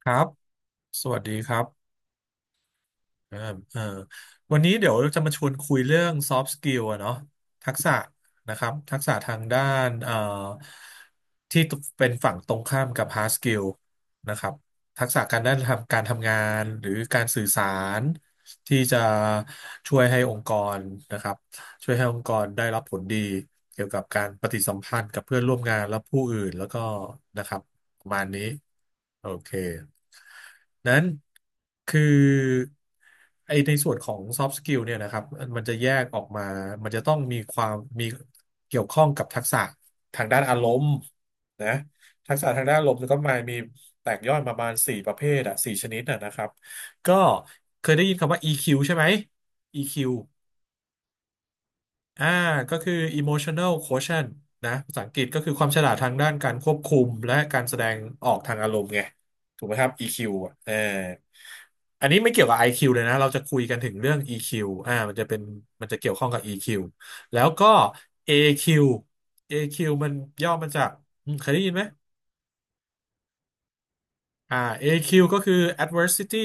ครับสวัสดีครับเออเออวันนี้เดี๋ยวจะมาชวนคุยเรื่อง soft skill อะเนาะทักษะนะครับทักษะทางด้านที่เป็นฝั่งตรงข้ามกับ hard skill นะครับทักษะการด้านทำการทำงานหรือการสื่อสารที่จะช่วยให้องค์กรนะครับช่วยให้องค์กรได้รับผลดีเกี่ยวกับการปฏิสัมพันธ์กับเพื่อนร่วมงานและผู้อื่นแล้วก็นะครับประมาณนี้โอเค นั้นคือไอในส่วนของ soft skill เนี่ยนะครับมันจะแยกออกมามันจะต้องมีความมีเกี่ยวข้องกับทักษะทางด้านอารมณ์นะทักษะทางด้านอารมณ์ก็มามีแตกย่อยประมาณสี่ประเภทอะสี่ชนิดอะนะครับก็เคยได้ยินคำว่า EQ ใช่ไหม EQ อ่าก็คือ emotional quotient นะภาษาอังกฤษก็คือความฉลาดทางด้านการควบคุมและการแสดงออกทางอารมณ์ไงถูกไหมครับ EQ อ่ะเอออันนี้ไม่เกี่ยวกับ IQ เลยนะเราจะคุยกันถึงเรื่อง EQ มันจะเป็นมันจะเกี่ยวข้องกับ EQ แล้วก็ AQ AQ มันย่อมาจากเคยได้ยินไหม อ่า AQ ก็คือ adversity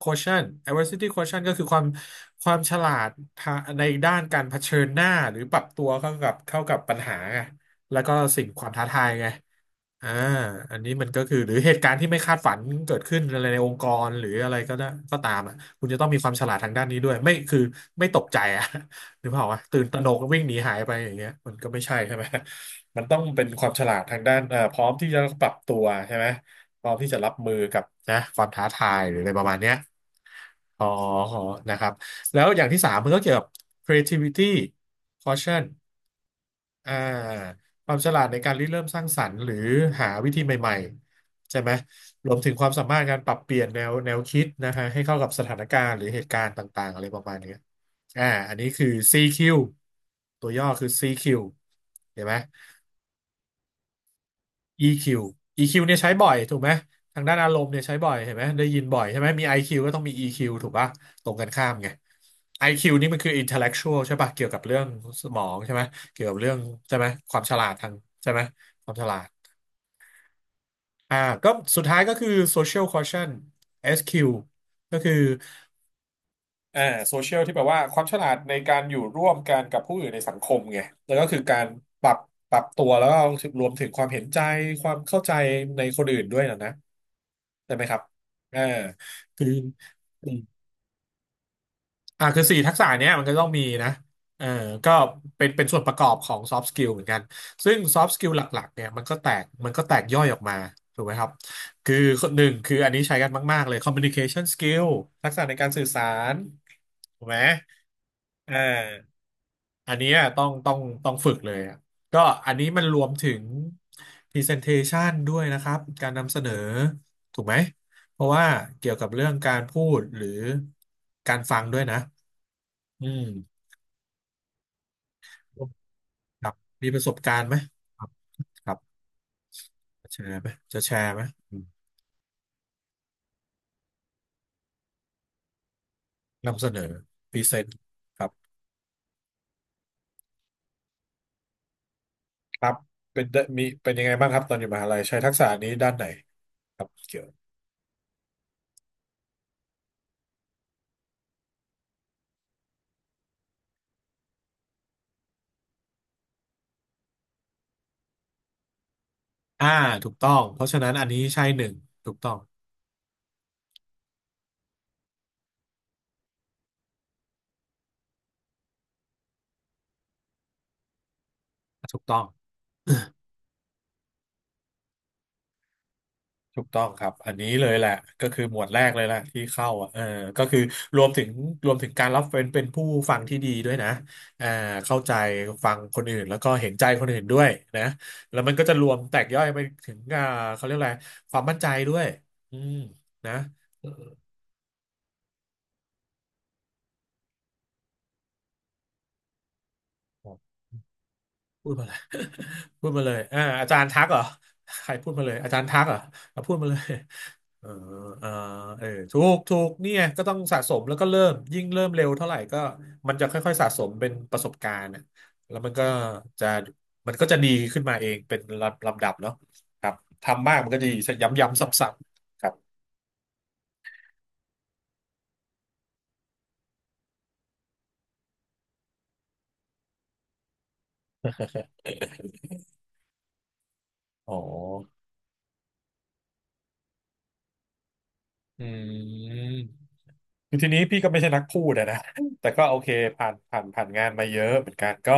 quotient adversity quotient ก็คือความความฉลาดทาในด้านการเผชิญหน้าหรือปรับตัวเข้ากับปัญหาไงแล้วก็สิ่งความท้าทายไงอ่าอันนี้มันก็คือหรือเหตุการณ์ที่ไม่คาดฝันเกิดขึ้นอะไรในองค์กรหรืออะไรก็ได้ก็ตามอ่ะคุณจะต้องมีความฉลาดทางด้านนี้ด้วยไม่คือไม่ตกใจอ่ะ หรือเปล่าวะตื่นตระหนกวิ่งหนีหายไปอย่างเงี้ยมันก็ไม่ใช่ใช่ไหมมันต้องเป็นความฉลาดทางด้านพร้อมที่จะปรับตัวใช่ไหม พร้อมที่จะรับมือกับนะความท้าทายหรืออะไรประมาณเนี้ยอขอนะครับแล้วอย่างที่สามมันก็เกี่ยวกับ creativity caution อ่าความฉลาดในการริเริ่มสร้างสรรค์หรือหาวิธีใหม่ๆใช่ไหมรวมถึงความสามารถการปรับเปลี่ยนแนวคิดนะฮะให้เข้ากับสถานการณ์หรือเหตุการณ์ต่างๆอะไรประมาณเนี้ยอ่าอันนี้คือ CQ ตัวย่อคือ CQ เห็นไหม EQ EQ เนี่ยใช้บ่อยถูกไหมทางด้านอารมณ์เนี่ยใช้บ่อยเห็นไหมได้ยินบ่อยใช่ไหมมี IQ ก็ต้องมี EQ ถูกปะตรงกันข้ามไง IQ นี่มันคือ intellectual ใช่ปะเกี่ยวกับเรื่องสมองใช่ไหมเกี่ยวกับเรื่องใช่ไหมความฉลาดทางใช่ไหมความฉลาดอ่าก็สุดท้ายก็คือ social quotient SQ ก็คือ อ่าโซเชียลที่แปลว่าความฉลาดในการอยู่ร่วมกันกับผู้อื่นในสังคมไงแล้วก็คือการปรับปรับตัวแล้วก็รวมถึงความเห็นใจความเข้าใจในคนอื่นด้วยนะนะใช่ไหมครับเอ่าคือ คือสี่ทักษะเนี้ยมันก็ต้องมีนะเออก็เป็นส่วนประกอบของซอฟ t ์สกิลเหมือนกัน ซึ่งซอฟ t ์สกิลหลักๆเนี่ยมันก็แตกย่อยออกมาถูกไหมครับคือหนึ่งคืออันนี้ใช้กันมากๆเลย communication skill ทักษะในการสื่อสารถูกไหมเอออันเนี้ยต้องฝึกเลยอะก็อันนี้มันรวมถึง presentation ด้วยนะครับการนำเสนอถูกไหมเพราะว่าเกี่ยวกับเรื่องการพูดหรือการฟังด้วยนะ อืมครับมีประสบการณ์ไหมครับครับแชร์ไหมจะแชร์ไหมอืมนำเสนอพรีเซนต์ครับครับเป็นได้มีเป็นยังไงบ้างครับตอนอยู่มหาลัยใช้ทักษะนี้ด้านไหนครับเกี่ยวอ่าถูกต้องเพราะฉะนั้นอันนี้ใช่หนึ่งถูกต้องถูกต้อง ถูกต้องครับอันนี้เลยแหละก็คือหมวดแรกเลยแหละที่เข้าอ่ะเออก็คือรวมถึงรวมถึงการรับเป็นผู้ฟังที่ดีด้วยนะอ่าเข้าใจฟังคนอื่นแล้วก็เห็นใจคนอื่นด้วยนะแล้วมันก็จะรวมแตกย่อยไปถึงเขาเรียกอะไรความมั่นใจด้วยอืมนะ พูดมาเลย พูดมาเลยเอ่าออาจารย์ทักเหรอใครพูดมาเลย อาจารย์ทักเหรอเอาพูดมาเลย เออเออเออถูกถูกเนี่ยก็ต้องสะสมแล้วก็เริ่ม ยิ่งเริ่มเร็วเท่าไหร่ก็มันจะค่อยๆสะสมเป็นประสบการณ์น่ะแล้วจะมันก็จะดีขึ้นมาเองเป็นลำลำดับเนาะครับ ทำมากมันก็จะดีย้ำๆซ้ำๆครับอ๋ออืม คือทีนี้พี่ก็ไม่ใช่นักพูดอะนะ แต่ก็โอเคผ่านงานมาเยอะเหมือนกันก็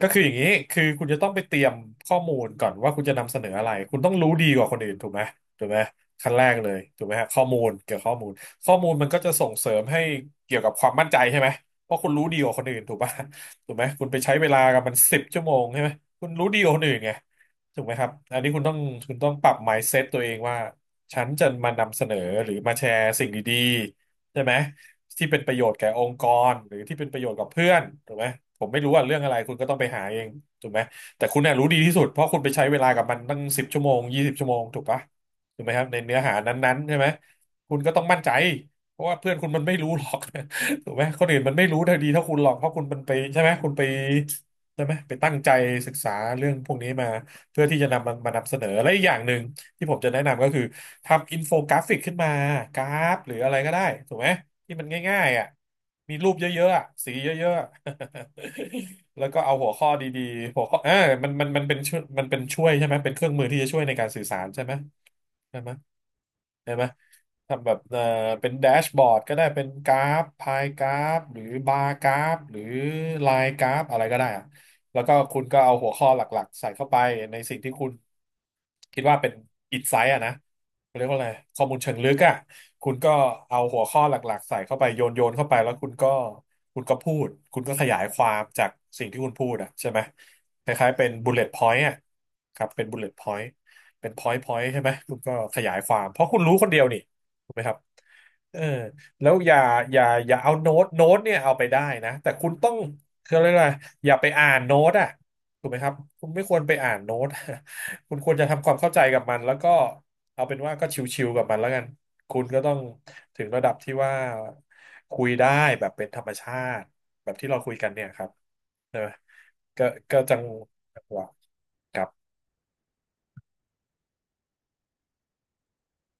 ก็คืออย่างนี้คือคุณจะต้องไปเตรียมข้อมูลก่อนว่าคุณจะนำเสนออะไรคุณต้องรู้ดีกว่าคนอื่นถูกไหมถูกไหมขั้นแรกเลยถูกไหมฮะข้อมูลเกี่ยวกับข้อมูลข้อมูลมันก็จะส่งเสริมให้เกี่ยวกับความมั่นใจใช่ไหมเพราะคุณรู้ดีกว่าคนอื่นถูกป่ะ ถูกไหมคุณไปใช้เวลากับมันสิบชั่วโมงใช่ไหมคุณรู้ดีกว่าคนอื่นไงถูกไหมครับอันนี้คุณต้องปรับ mindset ตัวเองว่าฉันจะมานำเสนอหรือมาแชร์สิ่งดี ใช่ไหมที่เป็นประโยชน์แก่องค์กรหรือที่เป็นประโยชน์กับเพื่อนถูกไหมผมไม่รู้ว่าเรื่องอะไรคุณก็ต้องไปหาเองถูกไหมแต่คุณน่ะรู้ดีที่สุดเพราะคุณไปใช้เวลากับมันตั้ง10 ชั่วโมง 20 ชั่วโมงถูกปะถูกไหมครับในเนื้อหานั้นๆใช่ไหมคุณก็ต้องมั่นใจเพราะว่าเพื่อนคุณมันไม่รู้หรอก ถูกไหมคนอื่นมันไม่รู้เท่าดีเท่าคุณหรอกเพราะคุณมันไปใช่ไหมคุณไปใช่ไหมไปตั้งใจศึกษาเรื่องพวกนี้มาเพื่อที่จะนำมันมานำเสนอและอีกอย่างหนึ่ง ที่ผมจะแนะนำก็คือทำอินโฟกราฟิกขึ้นมากราฟหรืออะไรก็ได้ถูกไหมที่มันง่ายๆอ่ะมีรูปเยอะๆอะสีเยอะๆ แล้วก็เอาหัวข้อดีๆหัวข้อมันเป็นช่วยมันเป็นช่วยใช่ไหมเป็นเครื่องมือที่จะช่วยในการสื่อสารใช่ไหมใช่ไหมได้ไหมทำแบบเป็นแดชบอร์ดก็ได้เป็นกราฟพายกราฟหรือบาร์กราฟหรือไลน์กราฟอะไรก็ได้อะ แล้วก็คุณก็เอาหัวข้อหลักๆใส่เข้าไปในสิ่งที่คุณคิดว่าเป็นอินไซต์อะนะเรียกว่าอะไรข้อมูลเชิงลึกอะคุณก็เอาหัวข้อหลักๆใส่เข้าไปโยนโยนเข้าไปแล้วคุณก็พูดคุณก็ขยายความจากสิ่งที่คุณพูดอะใช่ไหมคล้ายๆเป็นบุลเลต์พอยต์อะครับเป็นบุลเลต์พอยต์เป็นพอยต์พอยต์ใช่ไหมคุณก็ขยายความเพราะคุณรู้คนเดียวนี่ถูกไหมครับ เออแล้วอย่าเอาโน้ตเนี่ยเอาไปได้นะแต่คุณต้องคืออะไรยกว่าอย่าไปอ่านโน้ตอ่ะถูกไหมครับคุณไม่ควรไปอ่านโน้ต คุณควรจะทำความเข้าใจกับมันแล้วก็เอาเป็นว่าก็ชิวๆกับมันแล้วกันคุณก็ต้องถึงระดับที่ว่าคุยได้แบบเป็นธรรมชาติแบบที่เราคุยกันเนี่ยครับใช่ไหมก็ก็จังหวะครับ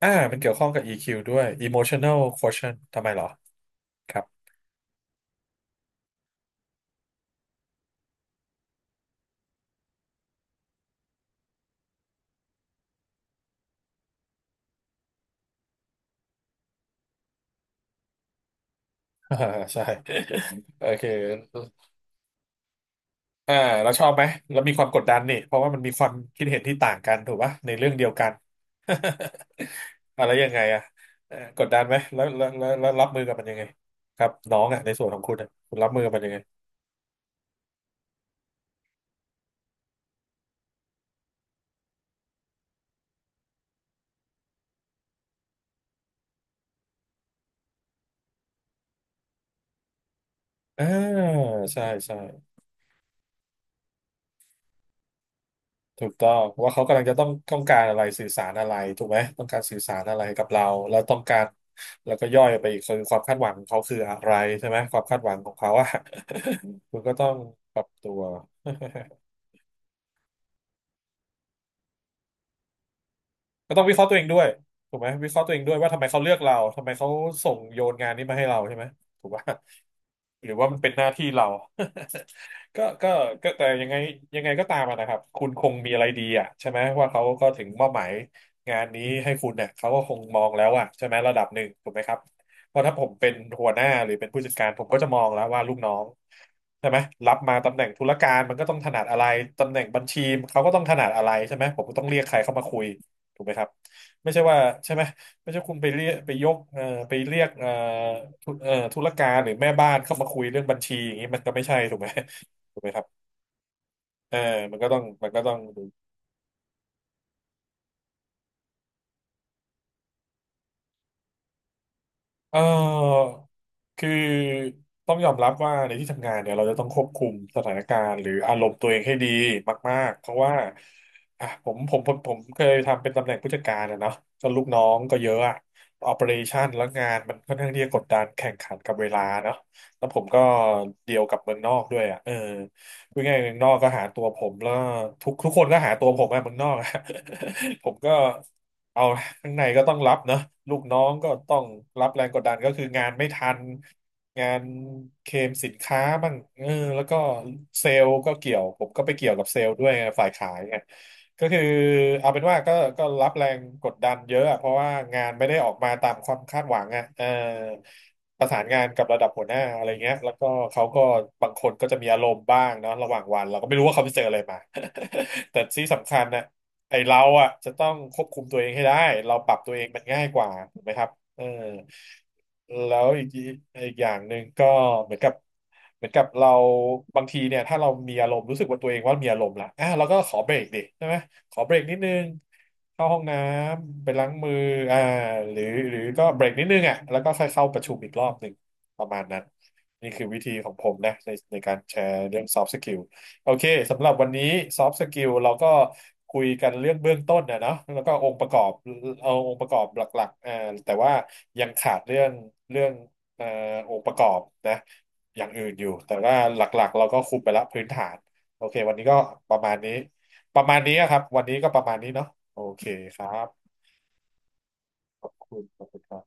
อ่ามันเกี่ยวข้องกับ e วด้วย Emotional Quotient ทำไมเหรอครับ ใช่โอเค อ่าเราชอบไหมเรามีความกดดันนี่เพราะว่ามันมีความคิดเห็นที่ต่างกันถูกปะในเรื่องเดียวกัน อะไรยังไงอ่ะกดดันไหมแล้วรับมือกับมันยังไงครับน้องอ่ะในส่วนของคุณอ่ะคุณรับมือกับมันยังไงอ่าใช่ใช่ถูกต้องว่าเขากำลังจะต้องการอะไรสื่อสารอะไรถูกไหมต้องการสื่อสารอะไรกับเราแล้วต้องการแล้วก็ย่อยไปอีกคือความคาดหวังของเขาคืออะไรใช่ไหมความคาดหวังของเขาอ่ะ คุณก็ต้องปรับตัว ก็ต้องวิเคราะห์ตัวเองด้วยถูกไหมวิเคราะห์ตัวเองด้วยว่าทำไมเขาเลือกเราทำไมเขาส่งโยนงานนี้มาให้เราใช่ไหมถูกป่ะ หรือว่ามันเป็นหน้าที่เรา ก็ก็ก็แต่ยังไงก็ตามอะนะครับคุณคงมีอะไรดีอ่ะใช่ไหมว่าเขาก็ถึงมอบหมายงานนี้ให้คุณเนี่ยเขาก็คงมองแล้วอ่ะใช่ไหมระดับหนึ่งถูกไหมครับเพราะถ้าผมเป็นหัวหน้าหรือเป็นผู้จัดการผมก็จะมองแล้วว่าลูกน้องใช่ไหมรับมาตำแหน่งธุรการมันก็ต้องถนัดอะไรตำแหน่งบัญชีเขาก็ต้องถนัดอะไรใช่ไหมผมก็ต้องเรียกใครเข้ามาคุย ถูกไหมครับไม่ใช่ว่าใช่ไหมไม่ใช่คุณไปเรียกไปยกไปเรียกธุธุรการหรือแม่บ้านเข้ามาคุยเรื่องบัญชีอย่างนี้มันก็ไม่ใช่ถูกไหมถูกไหมครับเออมันก็ต้องมันก็ต้องดู เออคือต้องยอมรับว่าในที่ทำงานเนี่ยเราจะต้องควบคุมสถานการณ์หรืออารมณ์ตัวเองให้ดีมากๆเพราะว่าอ่ะผมเคยทำเป็นตำแหน่งผู้จัดการอะเนาะก็ลูกน้องก็เยอะอะออ e r a t i o นแล้วงานมันค่อนข้างที่จะกดดันแข่งขันกับเวลาเนาะแล้วผมก็เดียวกับเมืองนอกด้วยอะเออพูดง่ายๆเมืองนอกก็หาตัวผมแล้วทุกคนก็หาตัวผมอะเมืองนอกอะ ผมก็ เอาข้างในก็ต้องรับเนอะลูกน้องก็ต้องรับแรงกดดันก็คืองานไม่ทันงานเคลมสินค้าบ้างเออแล้วก็เซลล์ก็เกี่ยวผมก็ไปเกี่ยวกับเซลล์ด้วยไงฝ่ายขายไงก็คือเอาเป็นว่าก็รับแรงกดดันเยอะอะเพราะว่างานไม่ได้ออกมาตามความคาดหวังอ่ะเออประสานงานกับระดับหัวหน้าอะไรเงี้ยแล้วก็เขาก็บางคนก็จะมีอารมณ์บ้างเนาะระหว่างวันเราก็ไม่รู้ว่าเขาไปเจออะไรมา แต่ที่สำคัญนะ ไอเราอ่ะจะต้องควบคุมตัวเองให้ได้เราปรับตัวเองมันง่ายกว่าถูกไหมครับเออแล้วอีกอีกอย่างหนึ่งก็เหมือนกับเหมือนกับเราบางทีเนี่ยถ้าเรามีอารมณ์รู้สึกว่าตัวเองว่ามีอารมณ์ละอ่ะเราก็ขอเบรกดิใช่ไหมขอเบรกนิดนึงเข้าห้องน้ำไปล้างมืออ่าหรือหรือก็เบรกนิดนึงอ่ะแล้วก็ค่อยเข้าประชุมอีกรอบหนึ่งประมาณนั้นนี่คือวิธีของผมนะในการแชร์เรื่อง soft skill โอเคสำหรับวันนี้ซอฟต์สกิลเราก็คุยกันเรื่องเบื้องต้นนะเนาะแล้วก็องค์ประกอบเอาองค์ประกอบหลักๆแต่ว่ายังขาดเรื่องเรื่องเอ่อองค์ประกอบนะอย่างอื่นอยู่แต่ว่าหลักๆเราก็คุมไปละพื้นฐานโอเควันนี้ก็ประมาณนี้ประมาณนี้อะครับวันนี้ก็ประมาณนี้เนาะโอเคครับขอบคุณครับ